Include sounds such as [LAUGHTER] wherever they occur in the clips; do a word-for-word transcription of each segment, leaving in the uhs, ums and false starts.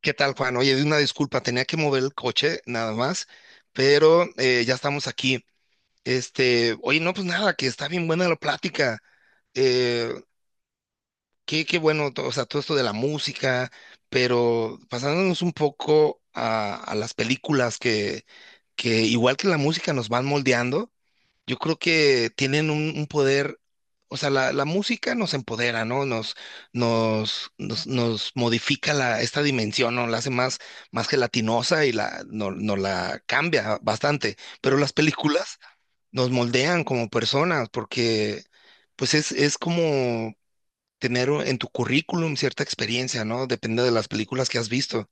¿Qué tal, Juan? Oye, una disculpa, tenía que mover el coche nada más, pero eh, ya estamos aquí. Este, oye, no, pues nada, que está bien buena la plática. Eh, qué, qué bueno, to- o sea, todo esto de la música, pero pasándonos un poco a, a las películas que, que igual que la música nos van moldeando. Yo creo que tienen un, un poder, o sea, la, la música nos empodera, ¿no? Nos, nos, nos, nos modifica la, esta dimensión, ¿no? La hace más, más gelatinosa y la, no, nos la cambia bastante. Pero las películas nos moldean como personas porque, pues, es, es como tener en tu currículum cierta experiencia, ¿no? Depende de las películas que has visto.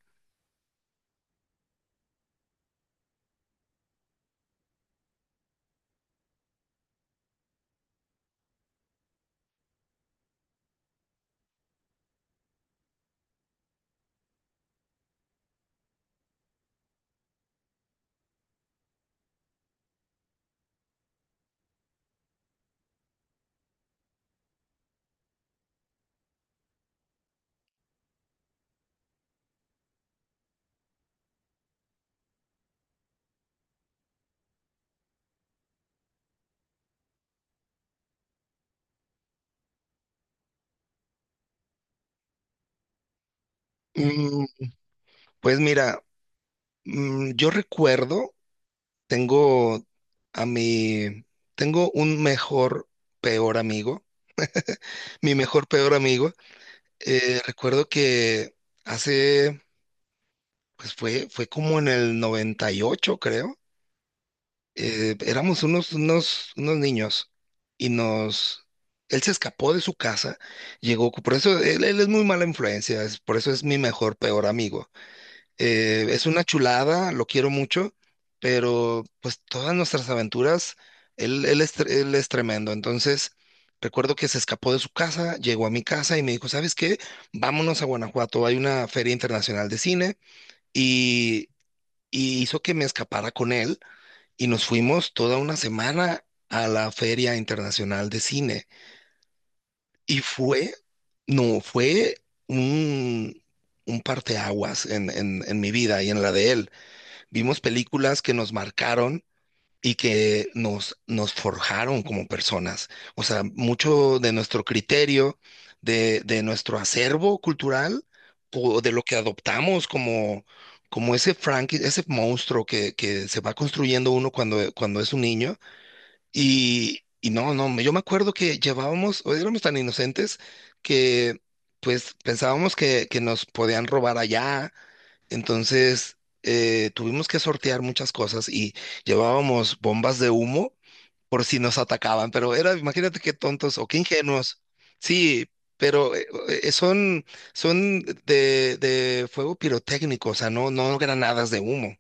Mm, pues mira, mm, yo recuerdo. Tengo a mi, tengo un mejor, peor amigo. Mi mejor, peor amigo. Eh, recuerdo que hace, pues fue, fue como en el noventa y ocho creo. Eh, éramos unos, unos, unos niños y nos, él se escapó de su casa, llegó, por eso él, él es muy mala influencia, es- por eso es mi mejor, peor amigo. Eh, es una chulada, lo quiero mucho, pero pues todas nuestras aventuras, él, él es, tre- él es tremendo. Entonces, recuerdo que se escapó de su casa, llegó a mi casa y me dijo, ¿sabes qué? Vámonos a Guanajuato, hay una feria internacional de cine y, y hizo que me escapara con él y nos fuimos toda una semana a la feria internacional de cine y fue, no, fue un, un parteaguas en, en en mi vida y en la de él. Vimos películas que nos marcaron y que nos, nos forjaron como personas. O sea, mucho de nuestro criterio, de, de nuestro acervo cultural, o de lo que adoptamos como, como ese Frank, ese monstruo que, que se va construyendo uno cuando, cuando es un niño. Y, y no, no, yo me acuerdo que llevábamos, o éramos tan inocentes que pues pensábamos que, que nos podían robar allá. Entonces, eh, tuvimos que sortear muchas cosas y llevábamos bombas de humo por si nos atacaban, pero era, imagínate qué tontos o qué ingenuos. Sí, pero eh, eh, son, son de, de fuego pirotécnico, o sea, no, no granadas de humo.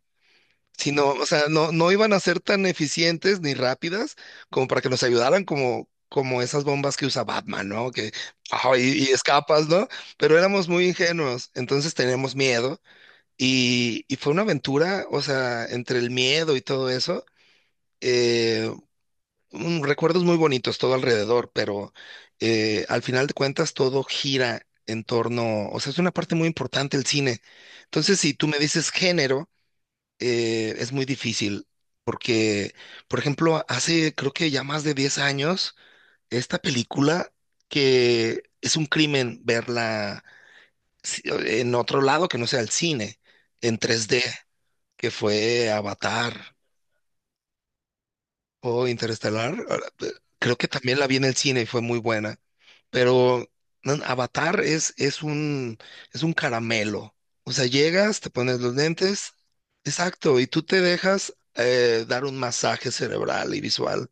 Sino, o sea, no, no iban a ser tan eficientes ni rápidas como para que nos ayudaran como, como esas bombas que usa Batman, ¿no? Que, ah, y y escapas, ¿no? Pero éramos muy ingenuos, entonces teníamos miedo y, y fue una aventura, o sea, entre el miedo y todo eso, eh, mm, recuerdos muy bonitos todo alrededor, pero eh, al final de cuentas todo gira en torno, o sea, es una parte muy importante el cine. Entonces, si tú me dices género, eh, es muy difícil, porque, por ejemplo, hace creo que ya más de diez años, esta película que es un crimen verla si- en otro lado que no sea el cine, en tres D, que fue Avatar o Interestelar. Ahora, eh, creo que también la vi en el cine y fue muy buena, pero no, Avatar es, es un, es un caramelo. O sea, llegas, te pones los lentes, exacto, y tú te dejas eh, dar un masaje cerebral y visual.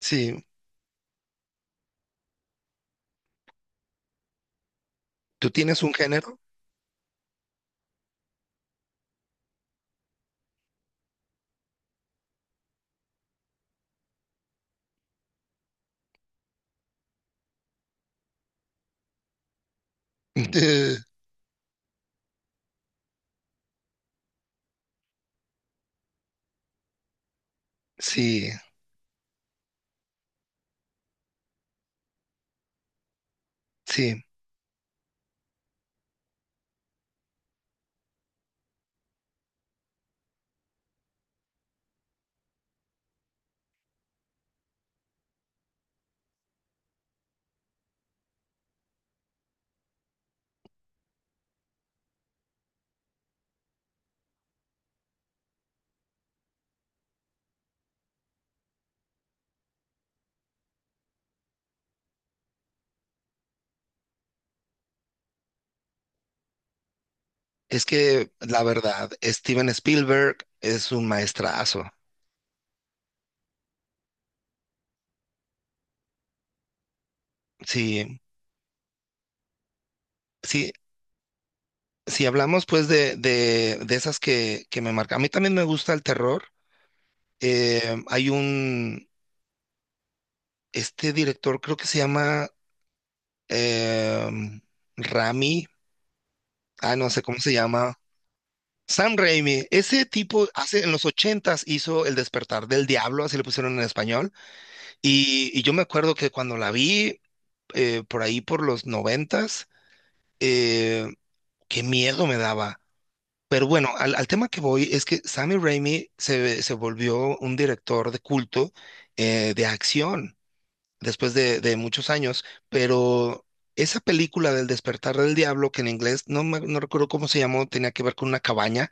Sí, ¿tú tienes un género? [LAUGHS] Eh, sí, sí. Es que la verdad, Steven Spielberg es un maestrazo. Sí, sí, si hablamos pues de, de, de esas que, que me marcan, a mí también me gusta el terror. Eh, hay un, este director creo que se llama em, Rami, ah, no sé cómo se llama, Sam Raimi. Ese tipo hace, en los ochentas hizo El despertar del diablo, así le pusieron en español. Y, y yo me acuerdo que cuando la vi eh, por ahí por los noventas, eh, qué miedo me daba. Pero bueno, al, al tema que voy es que Sammy Raimi se, se volvió un director de culto, eh, de acción, después de, de muchos años, pero esa película del despertar del diablo, que en inglés no, me- no recuerdo cómo se llamó, tenía que ver con una cabaña.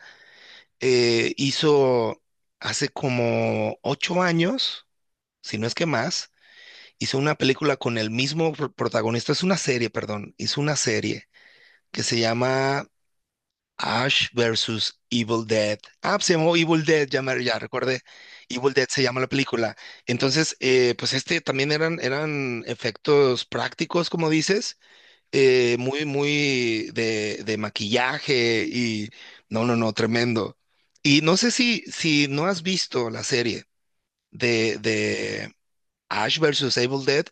eh, Hizo hace como ocho años, si no es que más, hizo una película con el mismo pr- protagonista. Es una serie, perdón, hizo una serie que se llama Ash versus Evil Dead. Ah, pues se llamó Evil Dead, ya, me- ya recordé. Evil Dead se llama la película. Entonces, eh, pues este también eran, eran efectos prácticos, como dices, eh, muy, muy de, de maquillaje y no, no, no, tremendo. Y no sé si, si no has visto la serie de, de Ash versus Evil Dead,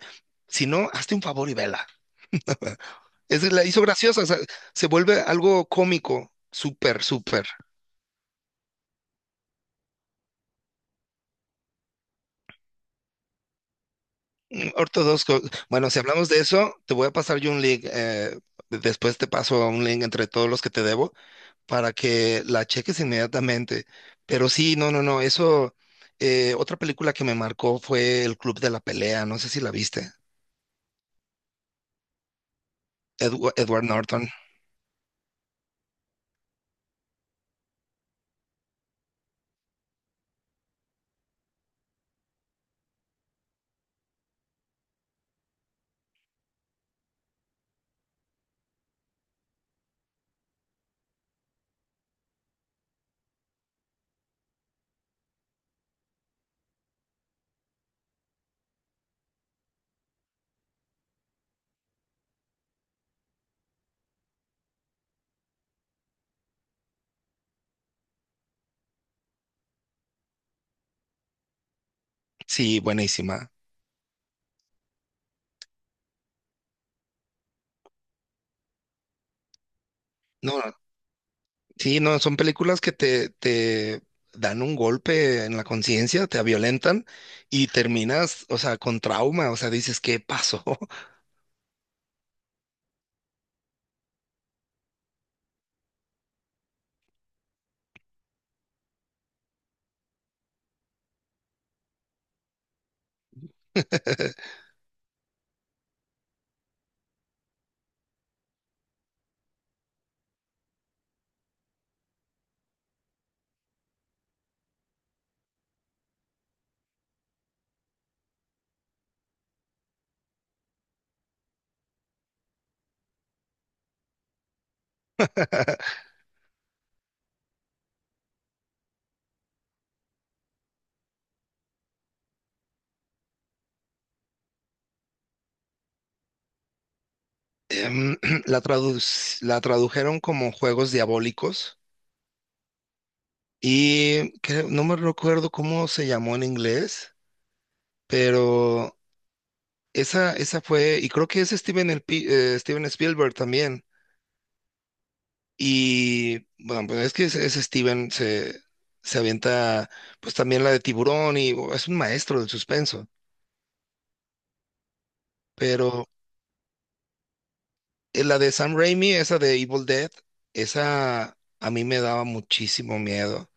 si no, hazte un favor y vela. [LAUGHS] Es, la hizo graciosa, o sea, se vuelve algo cómico, súper, súper. Mm, Ortodoxo. Bueno, si hablamos de eso, te voy a pasar yo un link. Eh, después te paso un link entre todos los que te debo para que la cheques inmediatamente. Pero sí, no, no, no. Eso, eh, otra película que me marcó fue El Club de la Pelea. No sé si la viste. Edwa- Edward Norton. Sí, buenísima. No, no, sí, no, son películas que te, te dan un golpe en la conciencia, te violentan y terminas, o sea, con trauma. O sea, dices, ¿qué pasó? [LAUGHS] em, [CLEARS THROAT] la tradu la tradujeron como Juegos Diabólicos y creo- no me recuerdo cómo se llamó en inglés, pero esa, esa fue, y creo que es Steven, el Pi- eh, Steven Spielberg también. Y bueno, pues es que ese, ese Steven se, se avienta pues también la de Tiburón y oh, es un maestro del suspenso, pero eh, la de Sam Raimi, esa de Evil Dead, esa a mí me daba muchísimo miedo.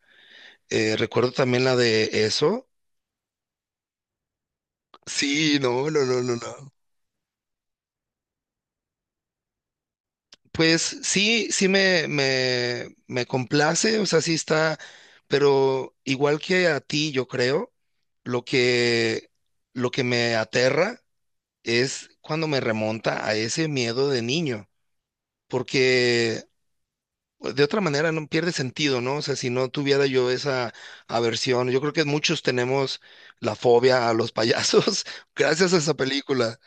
Eh, recuerdo también la de eso. Sí, no, no, no, no, no. Pues sí, sí me, me, me complace, o sea, sí está, pero igual que a ti, yo creo, lo que, lo que me aterra es cuando me remonta a ese miedo de niño, porque pues, de otra manera no pierde sentido, ¿no? O sea, si no tuviera yo esa aversión, yo creo que muchos tenemos la fobia a los payasos [LAUGHS] gracias a esa película.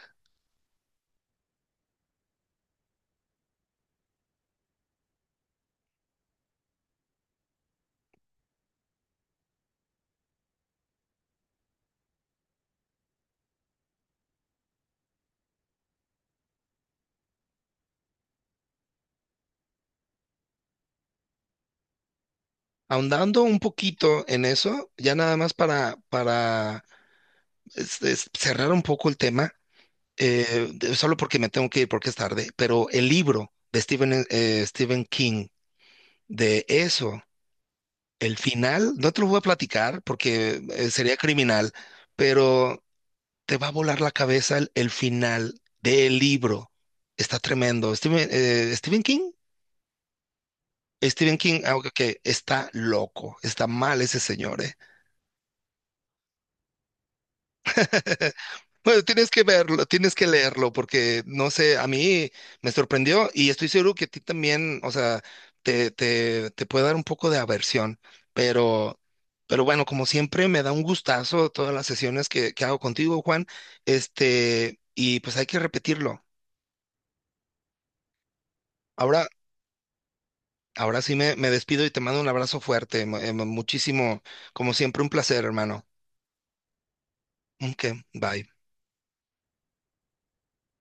Ahondando un poquito en eso, ya nada más para, para es- es- cerrar un poco el tema, eh, de- solo porque me tengo que ir porque es tarde, pero el libro de Stephen, eh, eh, Stephen King, de eso, el final, no te lo voy a platicar porque eh, sería criminal, pero te va a volar la cabeza el, el final del libro. Está tremendo. Stephen, eh, Stephen King, Stephen King, ah, ok, ok, está loco, está mal ese señor, ¿eh? [LAUGHS] Bueno, tienes que verlo, tienes que leerlo, porque no sé, a mí me sorprendió y estoy seguro que a ti también, o sea, te, te, te puede dar un poco de aversión, pero, pero bueno, como siempre, me da un gustazo todas las sesiones que, que hago contigo, Juan, este, y pues hay que repetirlo. Ahora, ahora sí me, me despido y te mando un abrazo fuerte, mu- eh, muchísimo, como siempre, un placer, hermano. Ok, bye.